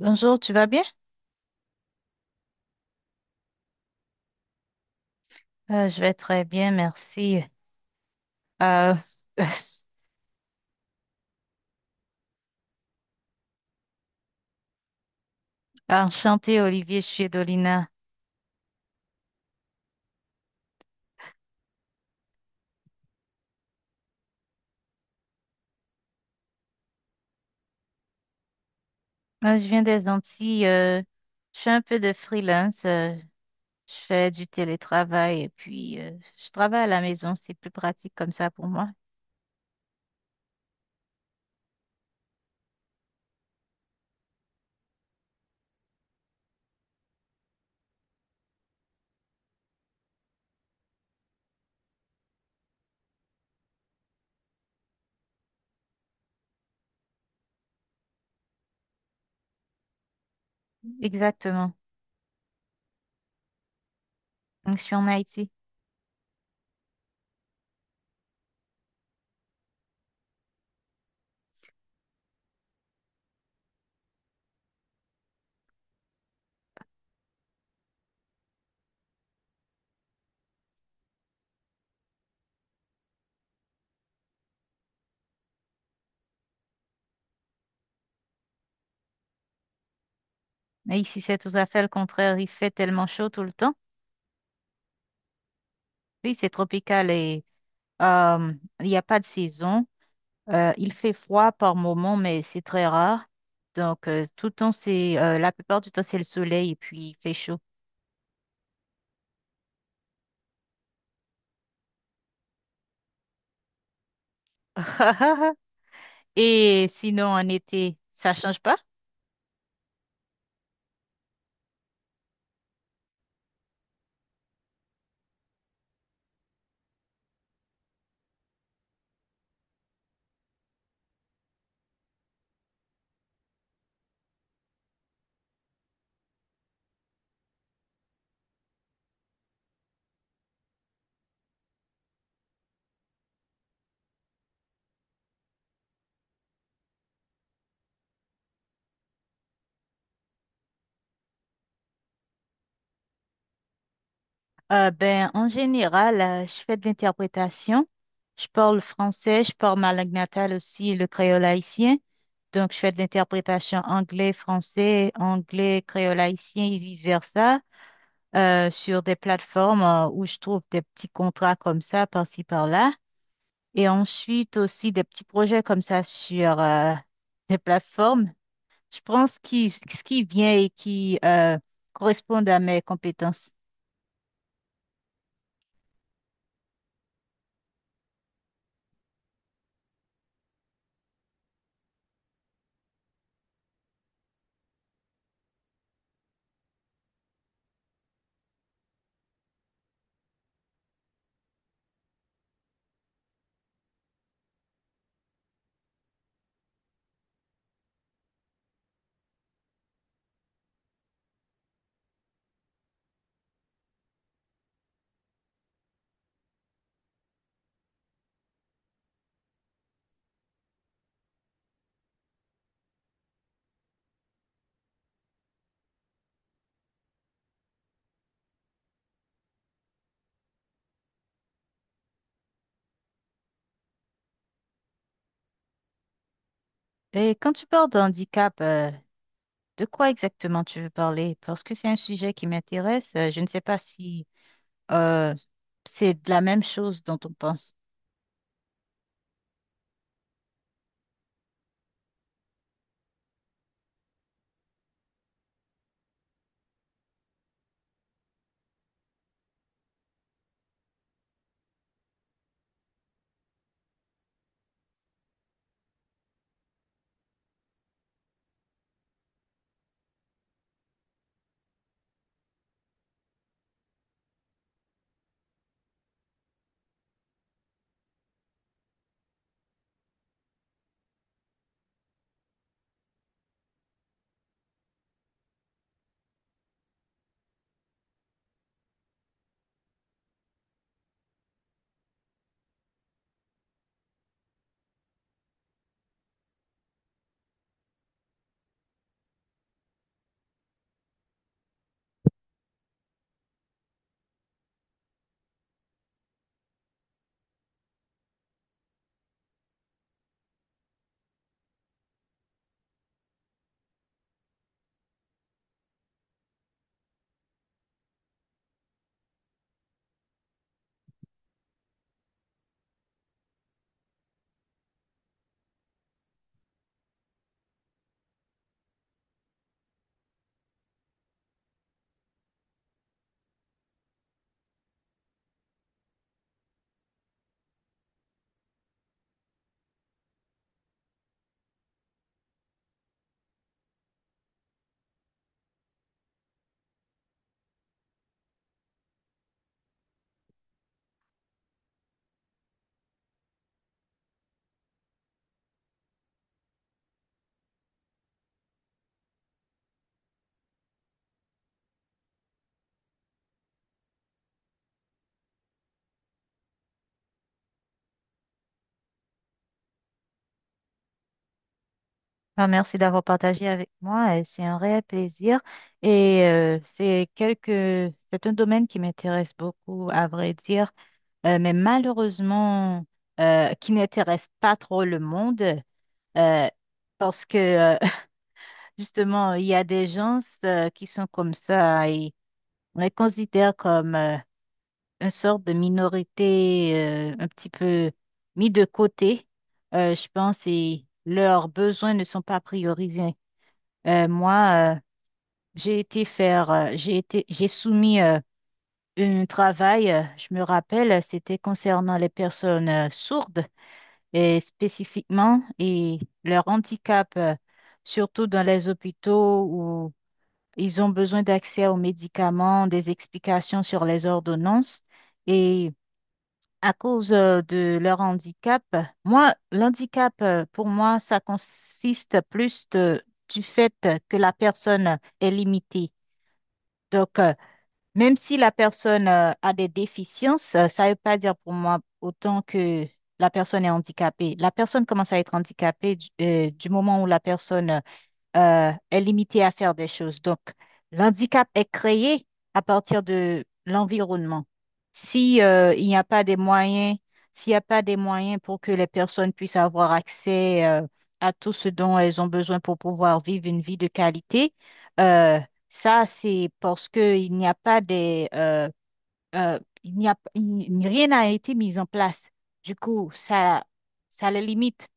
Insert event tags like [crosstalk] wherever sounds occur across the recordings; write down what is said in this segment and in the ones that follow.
Bonjour, tu vas bien? Je vais très bien, merci. Euh, [laughs] Enchantée, Olivier, je Chiedolina. Je viens des Antilles. Je fais un peu de freelance. Je fais du télétravail et puis je travaille à la maison. C'est plus pratique comme ça pour moi. Exactement. Donc, je suis en Haïti. Mais ici, c'est tout à fait le contraire. Il fait tellement chaud tout le temps. Oui, c'est tropical et euh, il n'y a pas de saison. Il fait froid par moment, mais c'est très rare. Donc, tout le temps, c'est, la plupart du temps, c'est le soleil et puis il fait chaud. [laughs] Et sinon, en été, ça change pas? Ben, en général, je fais de l'interprétation. Je parle français, je parle ma langue natale aussi, le créole haïtien. Donc, je fais de l'interprétation anglais-français, anglais-créole-haïtien et vice-versa, sur des plateformes où je trouve des petits contrats comme ça, par-ci, par-là. Et ensuite aussi des petits projets comme ça sur des plateformes. Je prends ce qui vient et qui correspond à mes compétences. Et quand tu parles d'handicap, de quoi exactement tu veux parler? Parce que c'est un sujet qui m'intéresse. Je ne sais pas si euh, c'est de la même chose dont on pense. Ah, merci d'avoir partagé avec moi. Et c'est un réel plaisir. Et c'est c'est un domaine qui m'intéresse beaucoup, à vrai dire, mais malheureusement, qui n'intéresse pas trop le monde. euh, Parce que, [laughs] justement, il y a des gens qui sont comme ça et on les considère comme... une sorte de minorité, un petit peu mis de côté, je pense, et leurs besoins ne sont pas priorisés. Moi, j'ai été faire, j'ai été, j'ai soumis un travail, je me rappelle, c'était concernant les personnes sourdes et spécifiquement et leur handicap, surtout dans les hôpitaux où ils ont besoin d'accès aux médicaments, des explications sur les ordonnances. Et à cause de leur handicap. Moi, l'handicap, pour moi, ça consiste du fait que la personne est limitée. Donc, même si la personne a des déficiences, ça ne veut pas dire pour moi autant que la personne est handicapée. La personne commence à être handicapée du moment où la personne est limité à faire des choses. Donc, l'handicap est créé à partir de l'environnement. Si, il n'y a pas des moyens, s'il n'y a pas des moyens pour que les personnes puissent avoir accès, à tout ce dont elles ont besoin pour pouvoir vivre une vie de qualité, euh, ça, c'est parce que il n'y a pas des, euh, il n'y a, rien n'a été mis en place. Du coup, ça les limite.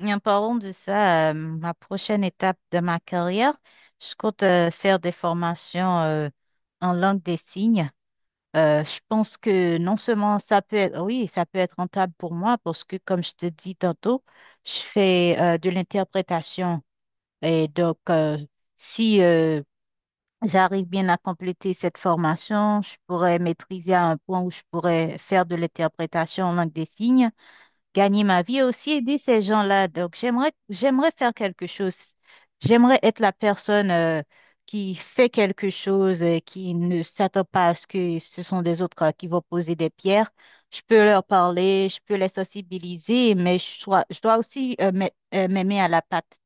Et en parlant de ça, ma prochaine étape de ma carrière, je compte faire des formations en langue des signes. Je pense que non seulement ça peut être, oui, ça peut être rentable pour moi parce que, comme je te dis tantôt, je fais de l'interprétation. Et donc, si j'arrive bien à compléter cette formation, je pourrais maîtriser à un point où je pourrais faire de l'interprétation en langue des signes, gagner ma vie et aussi aider ces gens-là. Donc, j'aimerais faire quelque chose. J'aimerais être la personne qui fait quelque chose, qui ne s'attend pas à ce que ce sont des autres qui vont poser des pierres. Je peux leur parler, je peux les sensibiliser, mais je dois aussi m'aimer à la patte.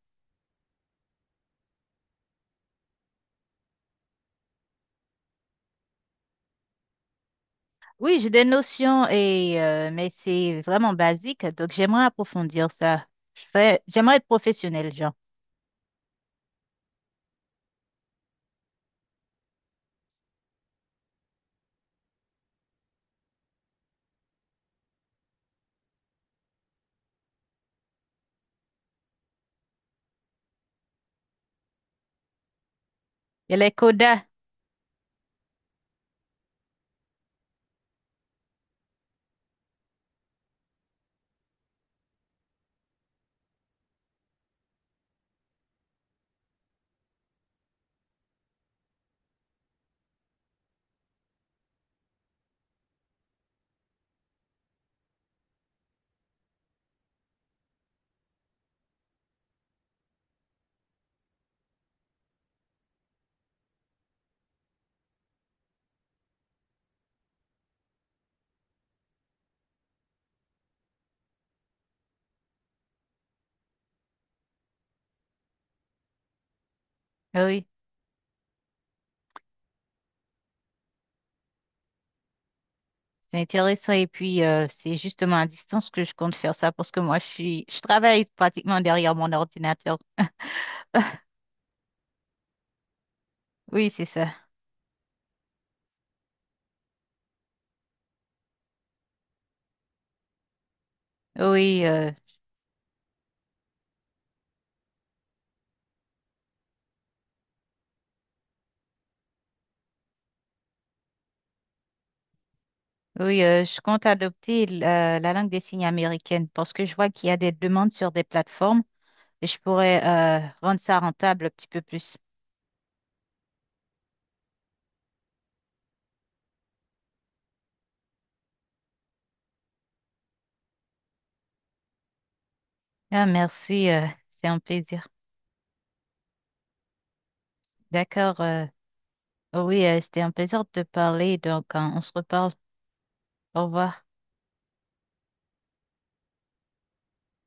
Oui, j'ai des notions et mais c'est vraiment basique, donc j'aimerais approfondir ça. J'aimerais être professionnelle, genre. Et les codas, ah oui. C'est intéressant et puis c'est justement à distance que je compte faire ça parce que moi je travaille pratiquement derrière mon ordinateur. Oui, c'est ça. Oui, euh, oui, je compte adopter la langue des signes américaine parce que je vois qu'il y a des demandes sur des plateformes et je pourrais rendre ça rentable un petit peu plus. Ah, merci, c'est un plaisir. D'accord. Oui, c'était un plaisir de te parler, donc on se reparle. Au revoir.